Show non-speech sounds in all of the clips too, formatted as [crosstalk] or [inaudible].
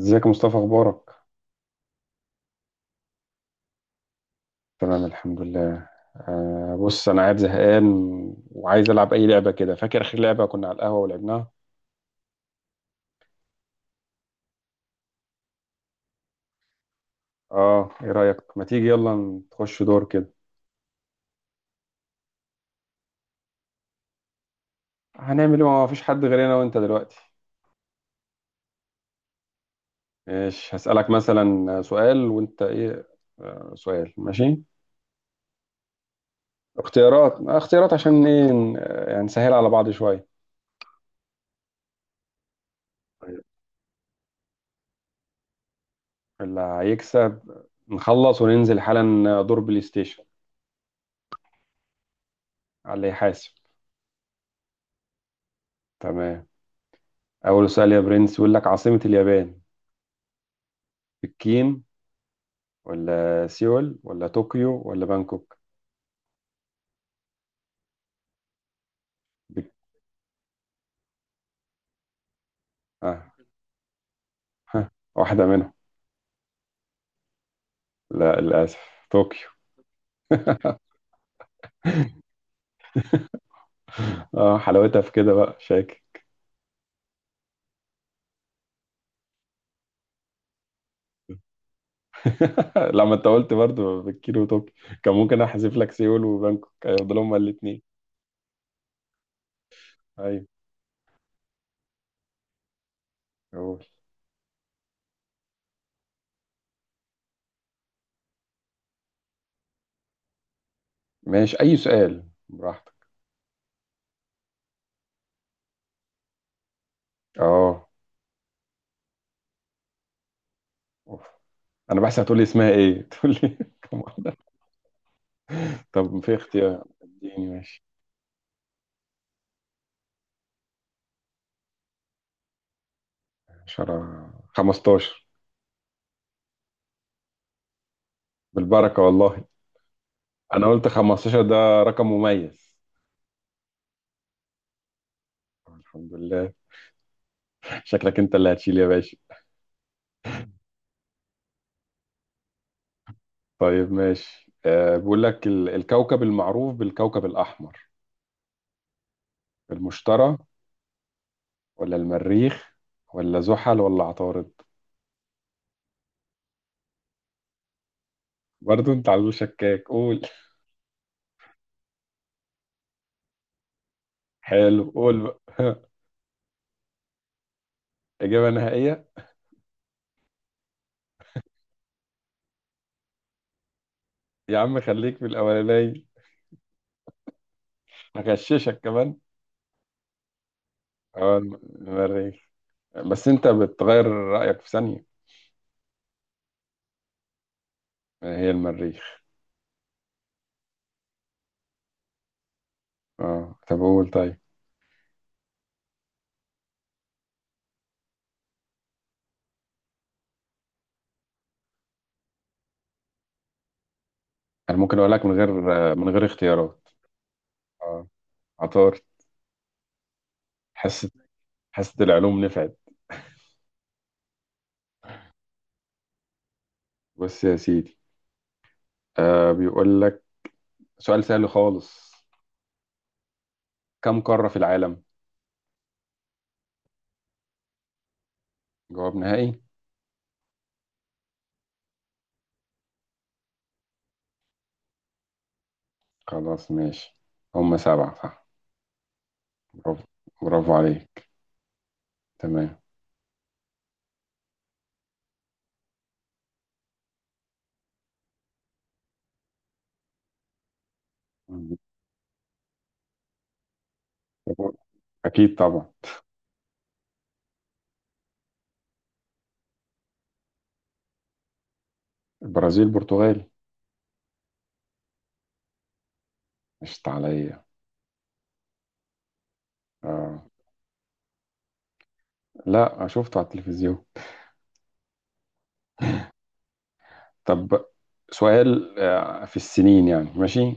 ازيك يا مصطفى اخبارك تمام الحمد لله بص انا قاعد زهقان. وعايز العب اي لعبه كده، فاكر اخر لعبه كنا على القهوه ولعبناها؟ اه ايه رايك، ما تيجي يلا نخش دور كده. هنعمل ايه؟ ما فيش حد غير انا وانت دلوقتي. ماشي هسالك مثلا سؤال وانت ايه. آه سؤال ماشي. اختيارات، اختيارات عشان ايه يعني نسهل على بعض شويه. طيب. اللي هيكسب نخلص وننزل حالا دور بلاي ستيشن، على اللي يحاسب. تمام. أول سؤال يا برنس يقول لك عاصمة اليابان: بكين ولا سيول ولا طوكيو ولا بانكوك؟ بك... آه. ها. واحدة منهم. لا للأسف، طوكيو. اه حلاوتها في كده بقى شاكر. [laughs] لما انت قلت برضه بكين وطوكيو كان ممكن احذف لك سيول وبانكوك هيفضلوا هما الاثنين. ايوه. قول، ماشي اي سؤال براحتك. اه أوف. انا بحسب هتقول لي اسمها ايه [laughs] تقول لي كم واحدة. طب في اختيار، اديني ماشي. 10 15. بالبركة والله. انا قلت 15 ده رقم مميز. طب الحمد لله. شكلك انت اللي هتشيل يا باشا. طيب ماشي، بيقول لك الكوكب المعروف بالكوكب الاحمر: المشتري ولا المريخ ولا زحل ولا عطارد؟ برضو انت على طول شكاك، قول. حلو قول بقى. [laughs] اجابه نهائيه. يا عم خليك في الاولانيه، هغششك كمان. المريخ. بس انت بتغير رايك في ثانيه. هي المريخ. اه طب قول طيب. انا ممكن اقول لك من غير، اختيارات. اه عطار. حاسة حاسة العلوم نفعت. بص يا سيدي، بيقول لك سؤال سهل خالص: كم قارة في العالم؟ جواب نهائي. خلاص ماشي، هم سبعة صح. برافو، برافو عليك. تمام. أكيد طبعا. البرازيل، البرتغال. مشت عليا. آه. لا شفته على التلفزيون. طب، سؤال في السنين يعني ماشي.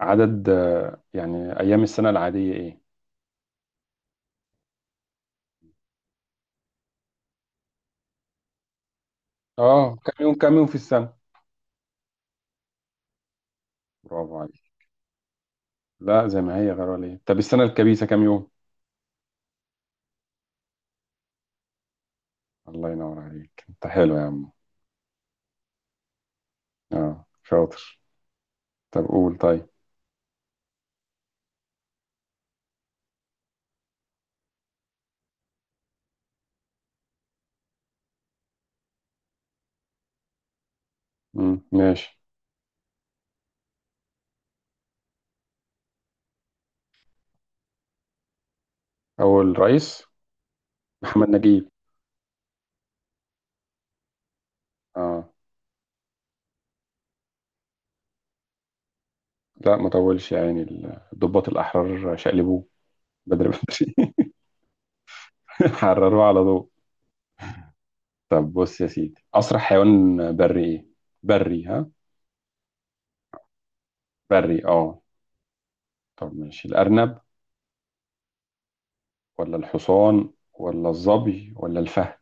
عدد يعني أيام السنة العادية إيه؟ كم يوم، في السنة؟ برافو عليك. لا زي ما هي، غير ولا ايه؟ طب السنة الكبيسة كام يوم؟ الله ينور عليك، انت حلو يا عم. اه شاطر. طب قول طيب. مم. ماشي. اول رئيس. [laughs] محمد نجيب. اه لا ما طولش يا عيني. الضباط الاحرار شقلبوه. بدري بدري. [laughs] حرروه على ضوء. طب بص يا سيدي، اسرع حيوان بري ايه؟ بري ها؟ بري طب ماشي: الارنب ولا الحصان ولا الظبي ولا الفهد؟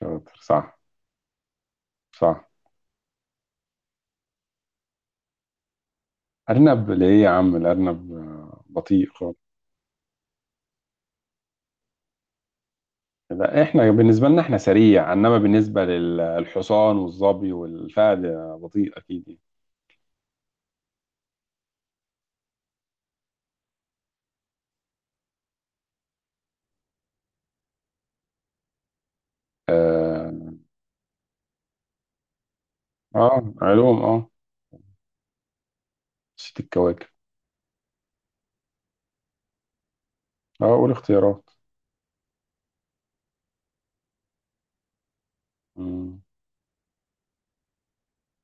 شاطر، صح. صح. أرنب ليه يا عم الأرنب، بطيء خالص. لا احنا بالنسبة لنا احنا سريع، انما بالنسبة للحصان والظبي والفهد بطيء اكيد يعني. اه علوم نسيت الكواكب. اه قول اختيارات. مم،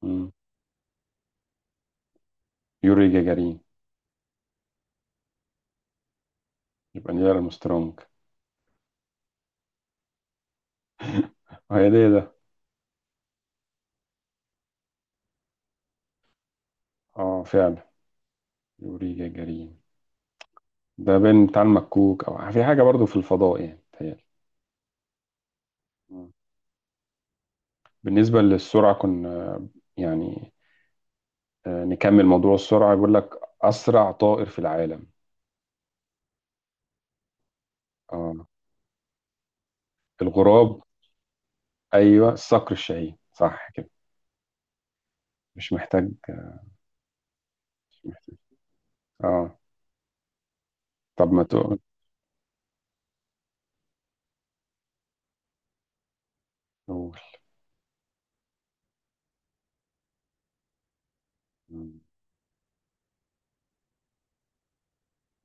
مم. يوري جاجارين. يبقى نيل أرمسترونج. هي ده ده. اه فعلا. يوري جاجارين ده بين بتاع المكوك او في حاجة برضو في الفضاء يعني تهيألي. بالنسبة للسرعة كنا يعني، نكمل موضوع السرعة. يقول لك أسرع طائر في العالم. اه الغراب. أيوه، الصقر الشاهين صح كده. مش محتاج. اه طب ما تقول.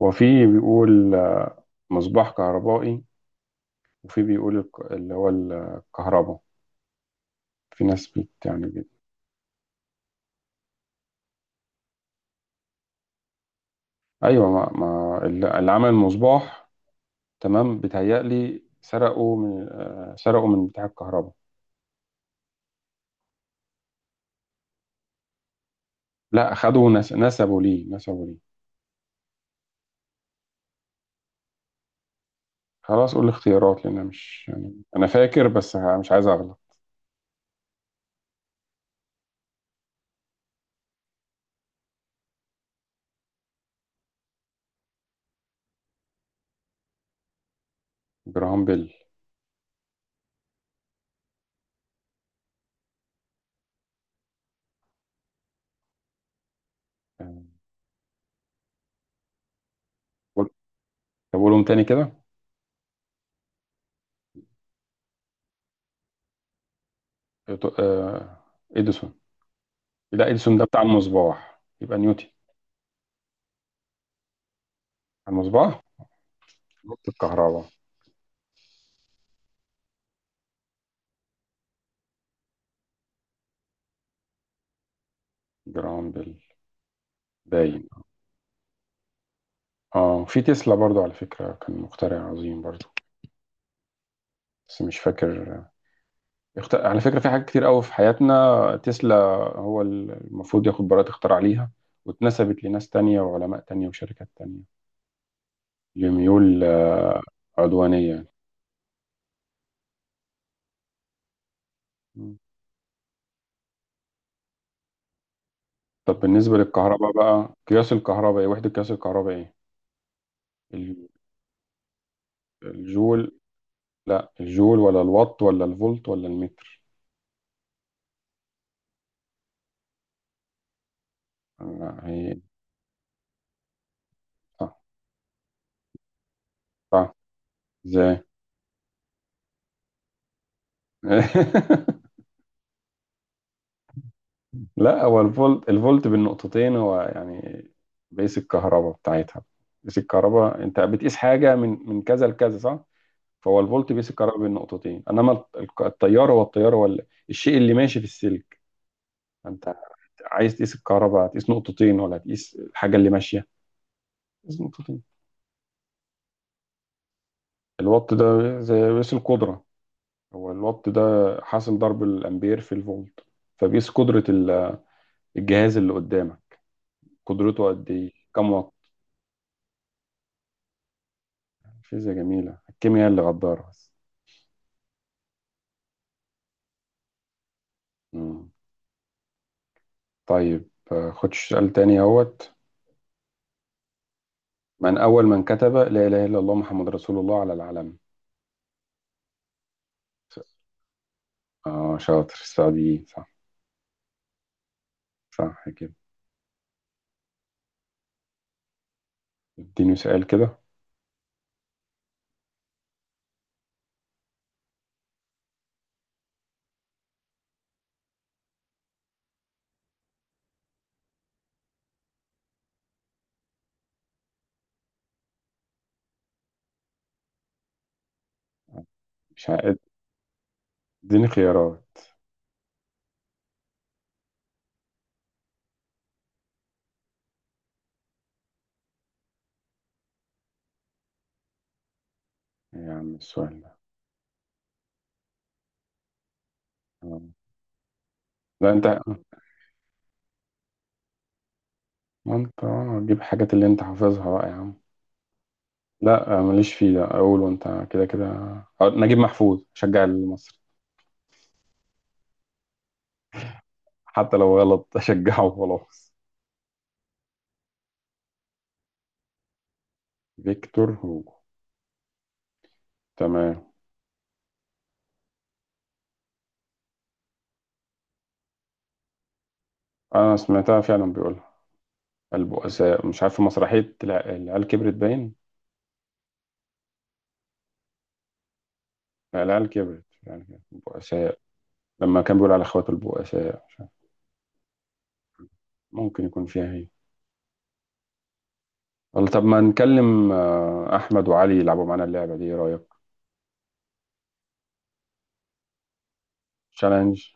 وفي بيقول مصباح كهربائي. وفي بيقول اللي هو الكهرباء. في ناس يعني أيوه، ما اللي عمل المصباح. تمام، بيتهيألي سرقوا من بتاع الكهرباء. لا أخدوا نسبوا ليه، نسبوا ليه. خلاص قول الاختيارات، لأن أنا مش يعني أنا فاكر بس مش عايز أغلط. جراهام بيل. آه، قول- طب قولهم تاني كده. إيتو- آه، إديسون. لا إديسون ده بتاع المصباح، يبقى نيوتن. على المصباح. نقطة الكهرباء. جراهام بيل باين. اه في تسلا برضو على فكرة، كان مخترع عظيم برضو بس مش فاكر. على فكرة في حاجات كتير قوي في حياتنا تسلا. هو المفروض ياخد براءة اختراع ليها، واتنسبت لناس تانية وعلماء تانية وشركات تانية، لميول عدوانية. مم. طب بالنسبة للكهرباء بقى، قياس الكهرباء ايه؟ وحدة قياس الكهرباء ايه؟ ال- الجول، لا الجول ولا الوات ولا الفولت ولا المتر. لا هي صح. صح، ازاي؟ [laughs] لا هو الفولت، الفولت بالنقطتين هو يعني بيقيس الكهرباء بتاعتها. بيقيس الكهرباء، انت بتقيس حاجة من كذا لكذا، صح؟ فهو الفولت بيقيس الكهرباء بالنقطتين، انما التيار، هو التيار، هو الشيء اللي ماشي في السلك. انت عايز تقيس الكهرباء هتقيس نقطتين ولا هتقيس الحاجة اللي ماشية؟ لازم نقطتين. الوات ده زي قياس القدرة. هو الوات ده حاصل ضرب الأمبير في الفولت. فبيقيس قدرة الجهاز اللي قدامك، قدرته قد إيه، كم وات؟ فيزياء جميلة، الكيمياء اللي غدارة بس. مم. طيب، خدش سؤال تاني أهوت. من أول من كتب لا إله إلا الله محمد رسول الله على العلم؟ شاطر، السعديين صح. صح كده. اديني سؤال كده. مش هقد، اديني خيارات. يعني السؤال ده. آه. لا انت، ما انت تجيب حاجات اللي انت حافظها بقى يا عم. لا ماليش فيه، ده اقول وانت كده كده. نجيب محفوظ، شجع المصري. حتى لو غلط [laughs] اشجعه وخلاص. فيكتور هوجو. تمام. انا سمعتها فعلا بيقولها البؤساء، مش عارف في مسرحية العيال كبرت باين. لا، العيال كبرت، العيال كبرت. البؤساء. لما كان بيقول على اخواته البؤساء، مش عارف ممكن يكون فيها هي. والله، طب ما نكلم احمد وعلي يلعبوا معانا اللعبة دي، ايه رأيك؟ تشالنج.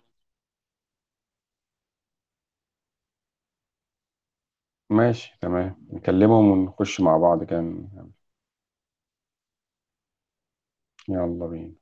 ماشي تمام، نكلمهم ونخش مع بعض كان. يلا بينا.